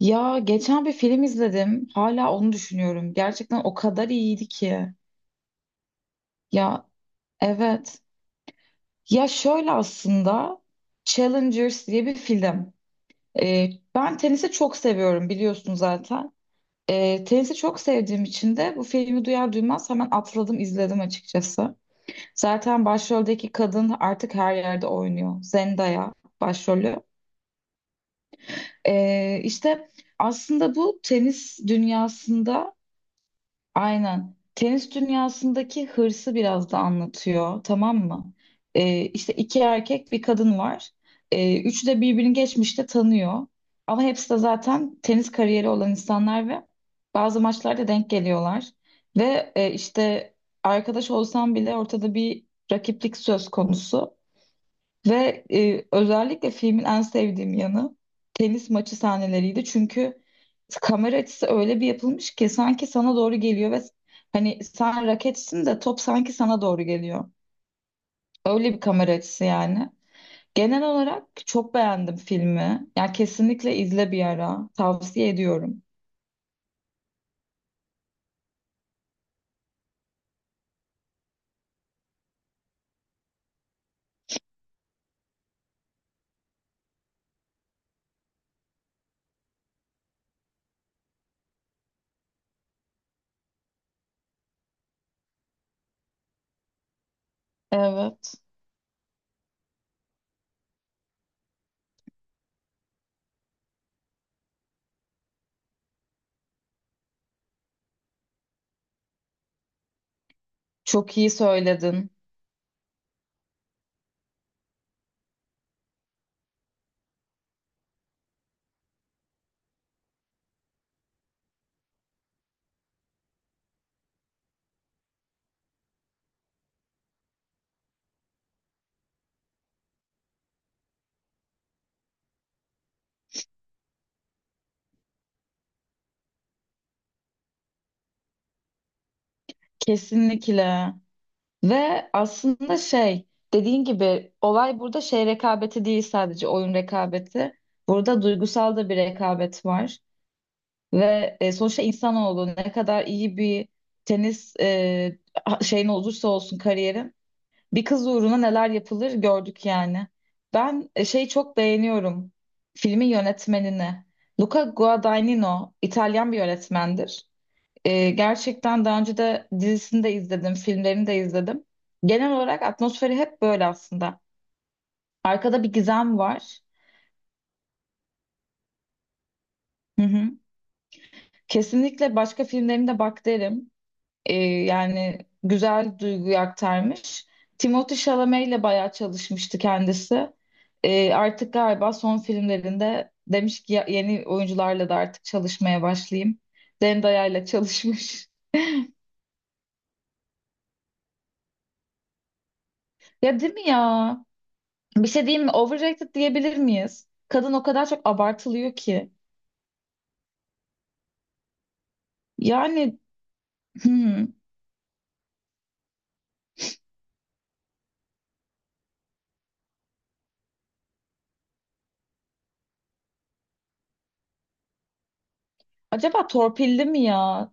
Ya geçen bir film izledim. Hala onu düşünüyorum. Gerçekten o kadar iyiydi ki. Ya, evet. Ya şöyle aslında Challengers diye bir film. Ee, Ben tenisi çok seviyorum biliyorsun zaten. Tenisi çok sevdiğim için de bu filmi duyar duymaz hemen atladım izledim açıkçası. Zaten başroldeki kadın artık her yerde oynuyor. Zendaya başrolü. İşte aslında bu tenis dünyasında Aynen. Tenis dünyasındaki hırsı biraz da anlatıyor, tamam mı? İşte iki erkek bir kadın var. Üçü de birbirini geçmişte tanıyor. Ama hepsi de zaten tenis kariyeri olan insanlar ve bazı maçlarda denk geliyorlar. İşte arkadaş olsam bile ortada bir rakiplik söz konusu. Özellikle filmin en sevdiğim yanı tenis maçı sahneleriydi. Çünkü kamera açısı öyle bir yapılmış ki sanki sana doğru geliyor ve hani sen raketsin de top sanki sana doğru geliyor. Öyle bir kamera açısı yani. Genel olarak çok beğendim filmi. Yani kesinlikle izle bir ara. Tavsiye ediyorum. Evet. Çok iyi söyledin. Kesinlikle. Ve aslında şey, dediğin gibi olay burada şey rekabeti değil sadece oyun rekabeti. Burada duygusal da bir rekabet var. Sonuçta insanoğlu ne kadar iyi bir tenis şeyin olursa olsun kariyerin bir kız uğruna neler yapılır gördük yani. Ben şeyi çok beğeniyorum, filmin yönetmenini. Luca Guadagnino İtalyan bir yönetmendir. Gerçekten daha önce de dizisini de izledim, filmlerini de izledim. Genel olarak atmosferi hep böyle aslında. Arkada bir gizem var. Hı hı. Kesinlikle başka filmlerine de bak derim. Yani güzel duyguyu aktarmış. Timothée Chalamet ile bayağı çalışmıştı kendisi. Artık galiba son filmlerinde demiş ki "Ya- yeni oyuncularla da artık çalışmaya başlayayım." Zendaya ile çalışmış. Ya değil mi ya? Bir şey diyeyim mi? Overrated diyebilir miyiz? Kadın o kadar çok abartılıyor ki. Yani hmm, acaba torpilli mi ya?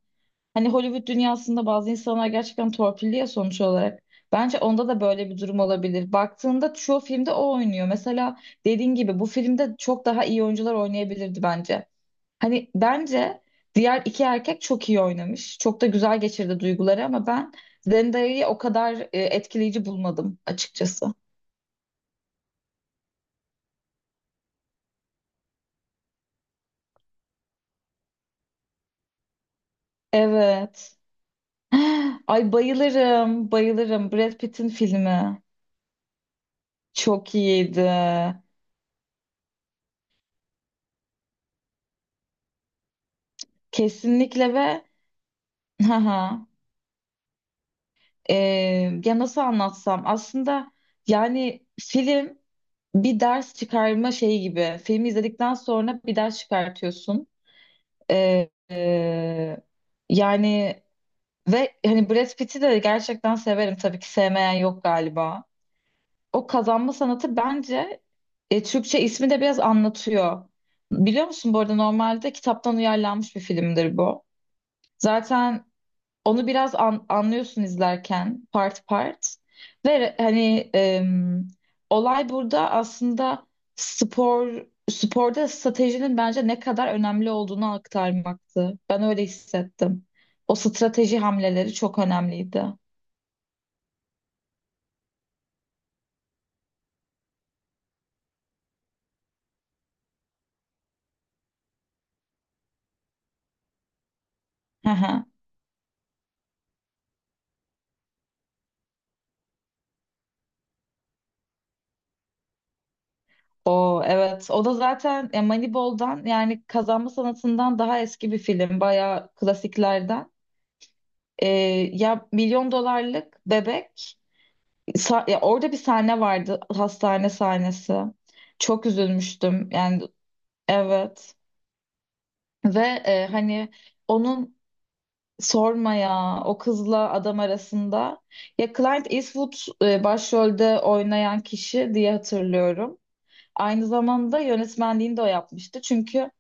Hani Hollywood dünyasında bazı insanlar gerçekten torpilli ya sonuç olarak. Bence onda da böyle bir durum olabilir. Baktığında çoğu filmde o oynuyor. Mesela dediğin gibi bu filmde çok daha iyi oyuncular oynayabilirdi bence. Hani bence diğer iki erkek çok iyi oynamış. Çok da güzel geçirdi duyguları ama ben Zendaya'yı o kadar etkileyici bulmadım açıkçası. Evet. Ay bayılırım, bayılırım. Brad Pitt'in filmi çok iyiydi. Kesinlikle ve haha, e, ya nasıl anlatsam aslında, yani film bir ders çıkarma şeyi gibi. Filmi izledikten sonra bir ders çıkartıyorsun. E, e, Yani ve hani Brad Pitt'i de gerçekten severim. Tabii ki sevmeyen yok galiba. O kazanma sanatı bence, Türkçe ismi de biraz anlatıyor. Biliyor musun bu arada normalde kitaptan uyarlanmış bir filmdir bu. Zaten onu biraz anlıyorsun izlerken part part. Ve re- hani em, Olay burada aslında spor sporda stratejinin bence ne kadar önemli olduğunu aktarmaktı. Ben öyle hissettim. O strateji hamleleri çok önemliydi. Hı hı. O, evet, o da zaten Moneyball'dan, yani kazanma sanatından daha eski bir film, bayağı klasiklerden. E, Ya milyon dolarlık bebek, ya orada bir sahne vardı, hastane sahnesi. Çok üzülmüştüm yani, evet, ve hani onun, sorma ya, o kızla adam arasında, ya Clint Eastwood başrolde oynayan kişi diye hatırlıyorum. Aynı zamanda yönetmenliğini de o yapmıştı çünkü...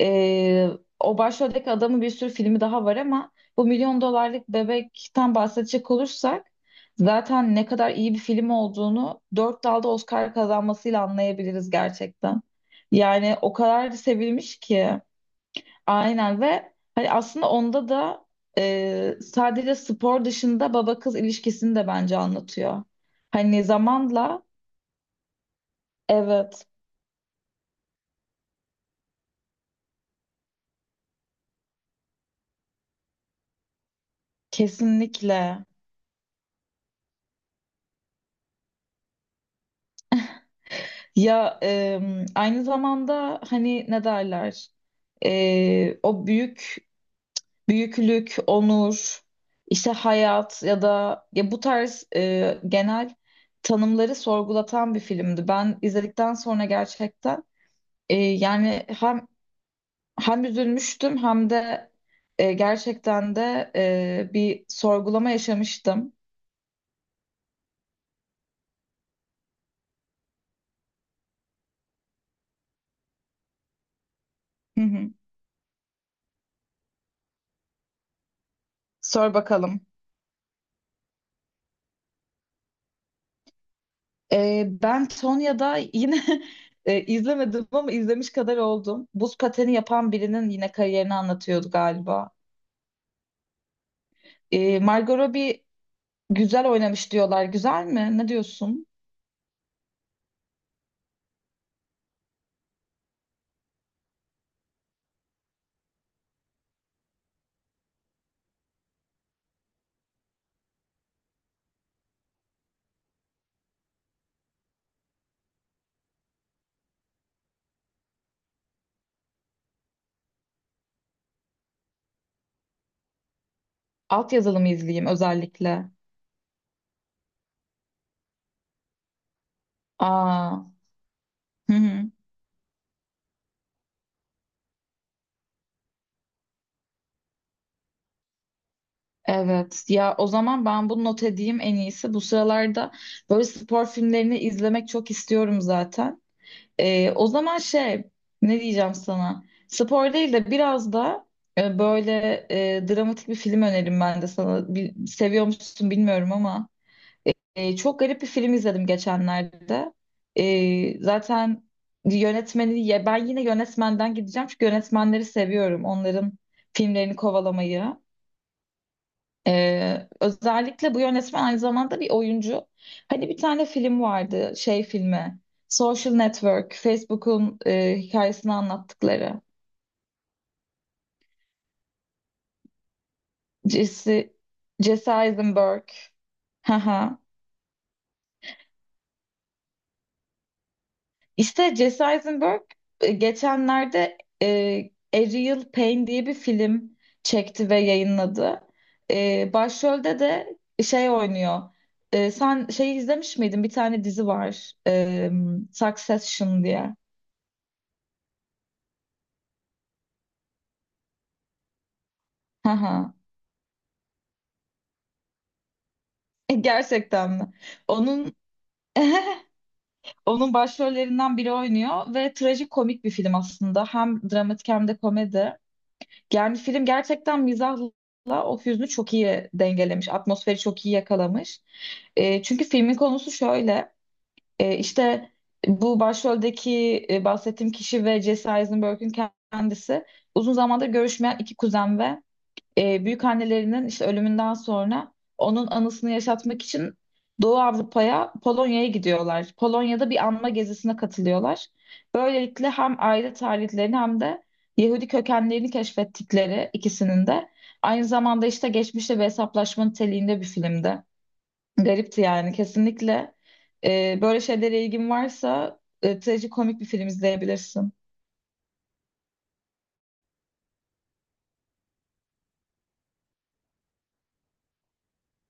Ee, O başroldeki adamın bir sürü filmi daha var ama bu milyon dolarlık bebekten bahsedecek olursak zaten ne kadar iyi bir film olduğunu 4 dalda Oscar kazanmasıyla anlayabiliriz gerçekten. Yani o kadar sevilmiş ki. Aynen, ve hani aslında onda da sadece spor dışında baba kız ilişkisini de bence anlatıyor. Hani zamanla, evet, kesinlikle. Aynı zamanda hani ne derler? O büyüklük, onur, işte hayat ya da ya bu tarz genel tanımları sorgulatan bir filmdi. Ben izledikten sonra gerçekten yani hem üzülmüştüm hem de gerçekten de bir sorgulama yaşamıştım. Hı hı. Sor bakalım. Ben Tonya'da yine izlemedim ama izlemiş kadar oldum. Buz pateni yapan birinin yine kariyerini anlatıyordu galiba. Margot Robbie güzel oynamış diyorlar. Güzel mi? Ne diyorsun? Alt yazılı mı izleyeyim özellikle? Aa, hı hı. Evet. Ya o zaman ben bunu not edeyim en iyisi. Bu sıralarda böyle spor filmlerini izlemek çok istiyorum zaten. O zaman şey, ne diyeceğim sana? Spor değil de biraz da böyle dramatik bir film önerim ben de sana. Seviyor musun bilmiyorum ama çok garip bir film izledim geçenlerde. Zaten yönetmeni, ya ben yine yönetmenden gideceğim çünkü yönetmenleri seviyorum. Onların filmlerini kovalamayı. Özellikle bu yönetmen aynı zamanda bir oyuncu. Hani bir tane film vardı, şey filmi. Social Network, Facebook'un hikayesini anlattıkları. Jesse, Jesse Eisenberg. Haha. İşte Jesse Eisenberg geçenlerde Ariel Payne diye bir film çekti ve yayınladı. Başrolde de şey oynuyor. Sen şeyi izlemiş miydin? Bir tane dizi var. Succession diye. Haha. Gerçekten mi? Onun onun başrollerinden biri oynuyor ve trajikomik bir film aslında. Hem dramatik hem de komedi. Yani film gerçekten mizahla o hüznü çok iyi dengelemiş. Atmosferi çok iyi yakalamış. Çünkü filmin konusu şöyle. İşte bu başroldeki bahsettiğim kişi ve Jesse Eisenberg'ün kendisi uzun zamandır görüşmeyen iki kuzen ve büyükannelerinin işte ölümünden sonra onun anısını yaşatmak için Doğu Avrupa'ya, Polonya'ya gidiyorlar. Polonya'da bir anma gezisine katılıyorlar. Böylelikle hem aile tarihlerini hem de Yahudi kökenlerini keşfettikleri, ikisinin de aynı zamanda işte geçmişle bir hesaplaşma niteliğinde bir filmdi. Garipti yani, kesinlikle. Böyle şeylere ilgin varsa trajikomik bir film izleyebilirsin.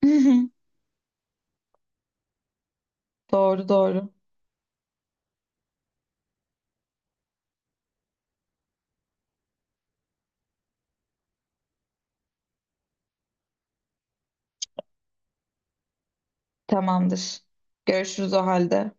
Doğru doğru. Tamamdır. Görüşürüz o halde.